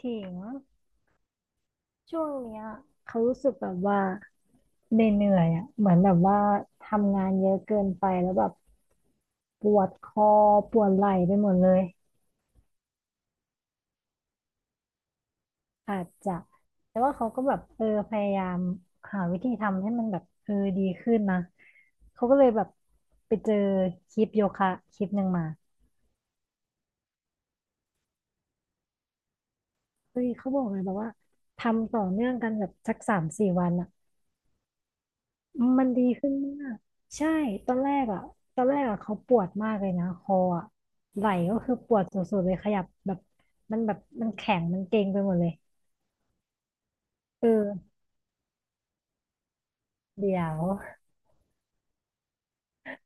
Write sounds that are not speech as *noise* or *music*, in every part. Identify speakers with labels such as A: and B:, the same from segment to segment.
A: ถิงช่วงเนี้ยเขารู้สึกแบบว่าเหนื่อยๆอ่ะเหมือนแบบว่าทำงานเยอะเกินไปแล้วแบบปวดคอปวดไหล่ไปหมดเลยอาจจะแต่ว่าเขาก็แบบเออพยายามหาวิธีทำให้มันแบบเออดีขึ้นนะเขาก็เลยแบบไปเจอคลิปโยคะคลิปหนึ่งมาเฮ้ยเขาบอกเลยแบบว่าทำต่อเนื่องกันแบบสักสามสี่วันอ่ะ มันดีขึ้นมากใช่ตอนแรกอ่ะตอนแรกอ่ะเขาปวดมากเลยนะคออ่ะไหล่ก็คือปวดสุดๆเลยขยับแบบมันแข็งมันเกร็งไปหมดเลยเออเดี๋ยว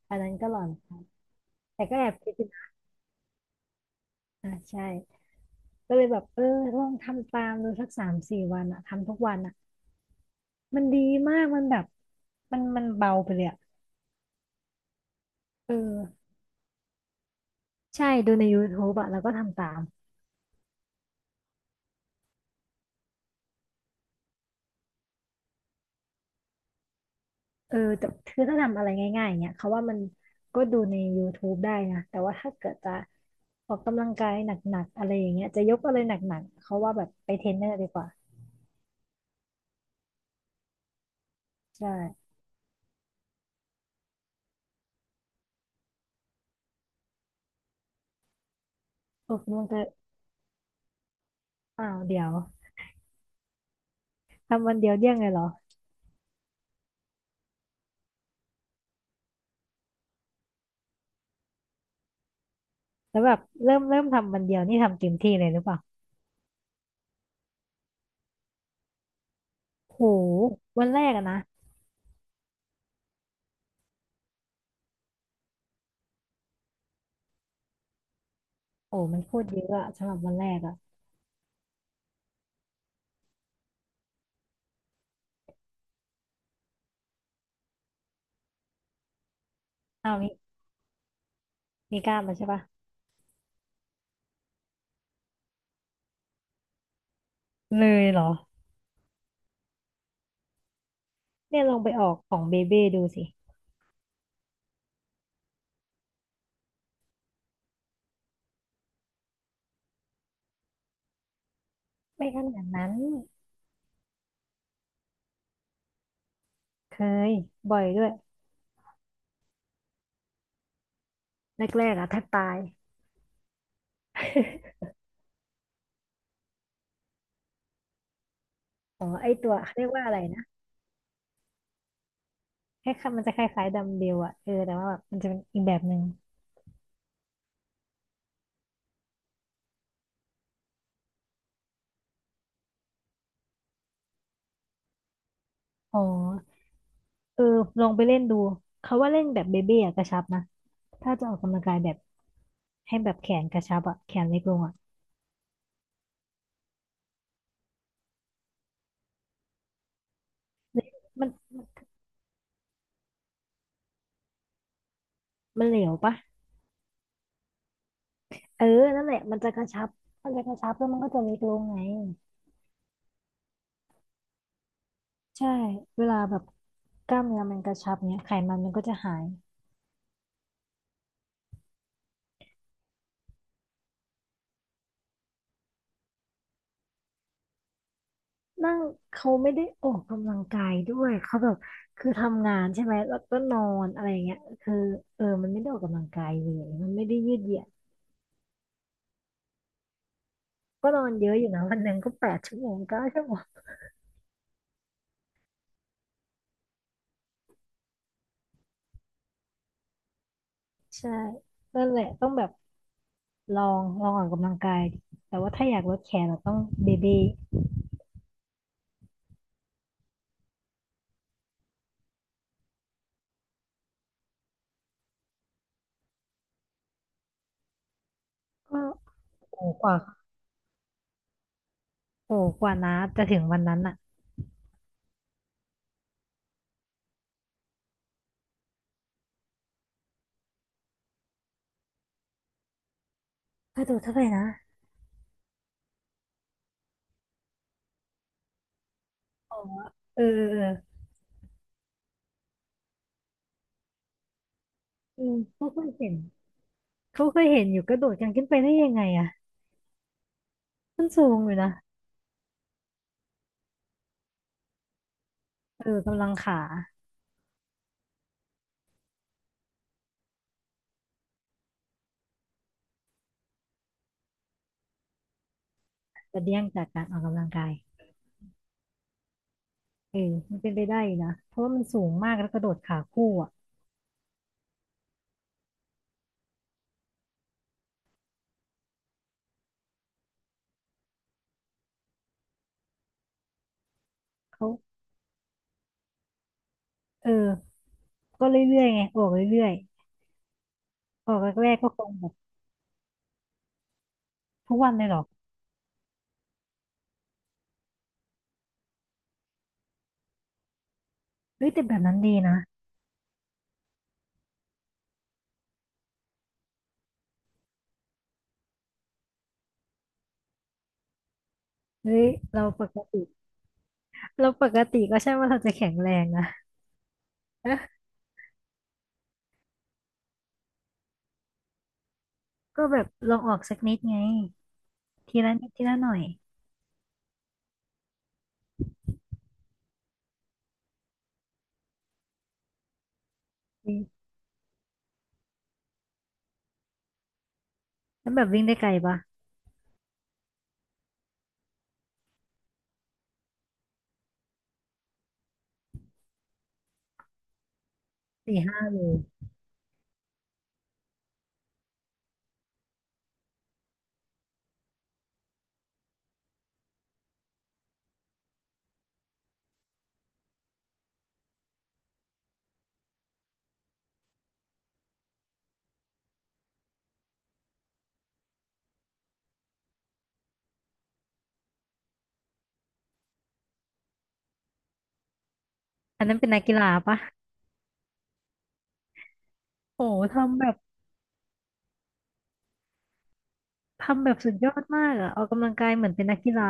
A: อันนั้นก็หลอนแต่ก็แอบคิดอยู่นะอ่ะใช่ก็เลยแบบเออลองทำตามดูสักสามสี่วันอ่ะทำทุกวันอ่ะมันดีมากมันแบบมันเบาไปเลยอ่ะเออใช่ดูใน YouTube อ่ะแล้วก็ทำตาม เออแต่คือถ้าทำอะไรง่ายๆเนี่ยเขาว่ามันก็ดูใน YouTube ได้นะแต่ว่าถ้าเกิดจะออกกำลังกายหนักๆอะไรอย่างเงี้ยจะยกอะไรหนักๆเขาว่าแบบไปเทรนเนอร์ดีกว่าใช่ออกกำลังกายอ้าวเดี๋ยวทำวันเดียวเดี้ยงเลยเหรอแล้วแบบเริ่มทำวันเดียวนี่ทำเต็มที่เลยหรือเปล่าโหวันแรกอะนะโอ้มันพูดเยอะอะสำหรับวันแรกอะอ้าวมีมีกล้ามมาใช่ปะเลยเหรอเนี่ยลองไปออกของเบเบ้ดูสิไม่ขนาดนั้นเคยบ่อยด้วย แรกๆอะถ้าตาย *laughs* อ๋อไอตัวเขาเรียกว่าอะไรนะแคคล้ายๆมันจะคล้ายๆดัมเบลอะเออแต่ว่าแบบมันจะเป็นอีกแบบหนึ่งอ๋อเออลองไปเล่นดูเขาว่าเล่นแบบเบเบ้อะกระชับนะถ้าจะออกกำลังกายแบบให้แบบแขนกระชับอะแขนเล็กลงอะมันมันเหลวปะเออนั่นแหละมันจะกระชับมันจะกระชับแล้วมันก็จะเล็กลงไงใช่เวลาแบบกล้ามเนื้อมันกระชับเนี้ยไขมันมันก็จะหาย นั่งเขาไม่ได้ออกกำลังกายด้วยเขาแบบคือทำงานใช่ไหมแล้วก็นอนอะไรอย่างเงี้ยคือเออมันไม่ได้ออกกำลังกายเลยมันไม่ได้ยืดเหยียดก็นอนเยอะอยู่นะวันหนึ่งก็แปดชั่วโมงเก้าชั่วโมงใช่นั่นแหละต้องแบบลองออกกำลังกายดิแต่ว่าถ้าอยากลดแคลเราต้องเบเบ้ก็โอ้กว่าโอ้กว่านะจะถึงวันนั้นอ่ะกระโดดเท่าไหร่นะอ๋อเออเออเอออืมเขาเคยเห็นเขาเคยเห็นอยู่กระโดดกันขึ้นไปได้ยังไงอ่ะมันสูงอยู่นะ เออกำลังขาจะเดี้ยงจากการออกกำลังกายเออมันเป็นไปได้อยู่นะเพราะว่ามันสูงมากแล้วกระโดดขาคู่อ่ะเขาเออก็เรื่อยๆไงออกเรื่อยๆออกแรกๆก็คงแบบทุกวันเลยหรอกเฮ้ยแต่แบบนั้นดีนะเฮ้ยเราปกติเราปกติก็ใช่ว่าเราจะแข็งแรงนะ *laughs* เอ๊ะก็แบบลองออกสักนิดไงทีละนิดทีละหน่อยเอืแล้วแบบวิ่งได้ไกลปะสี่ห้าโลอันนั้นเป็นนักกีฬาปะโอ้โหทำแบบสุดยอดมากอะออกกำลังกายเหมือนเป็นนักกีฬา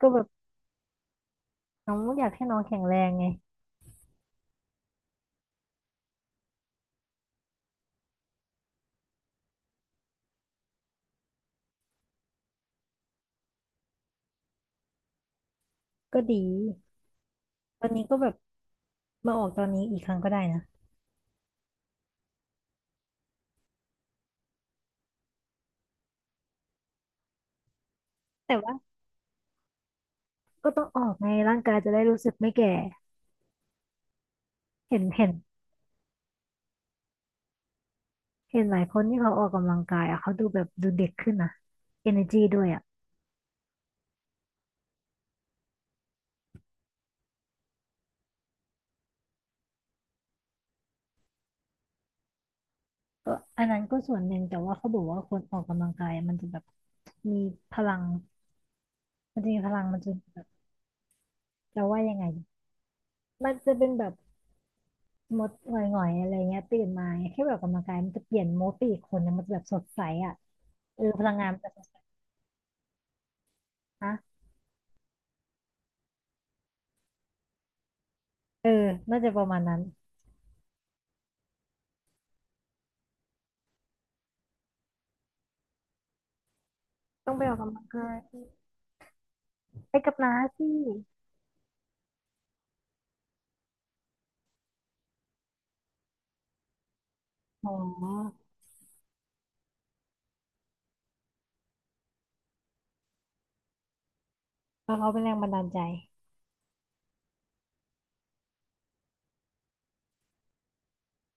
A: ก็แบบน้องอยากให้น้องแข็งแรงไงก็ดีตอนนี้ก็แบบมาออกตอนนี้อีกครั้งก็ได้นะแต่ว่าก็ต้องออกไงร่างกายจะได้รู้สึกไม่แก่เห็นเห็นเห็นหลายคนที่เขาออกกำลังกายอ่ะเขาดูแบบดูเด็กขึ้นนะ energy ด้วยอ่ะก็อันนั้นก็ส่วนหนึ่งแต่ว่าเขาบอกว่าคนออกกำลังกายมันจะแบบมีพลังมันจะมีพลังมันจะแบบจะว่ายังไงมันจะเป็นแบบมดหงอยๆอะไรเงี้ยตื่นมาแค่แบบออกกำลังกายมันจะเปลี่ยนโมดไปอีกคนนึงมันจะแบบสดใสอ่ะเออพลังงานมันจะสดใสนะ เออน่าจะประมาณนั้น ต้องไปออกกำลังกายไปกับน้าสิอ๋อเพราะเขาเป็นแรงบันดาลใจ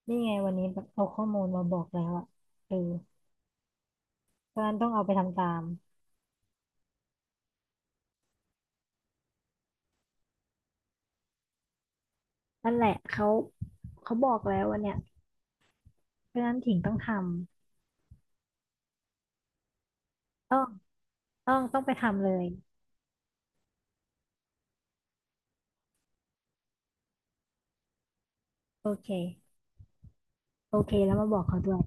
A: นี่ไงวันนี้แบบเอาข้อมูลมาบอกแล้วอ่ะเออเพราะฉะนั้นต้องเอาไปทำตามนั่นแหละเขาบอกแล้ววันเนี้ยเพราะฉะนั้นถิงต้องทำต้องต้องต้องไปทำเลยโอเคโอเคแล้วมาบอกเขาด้วย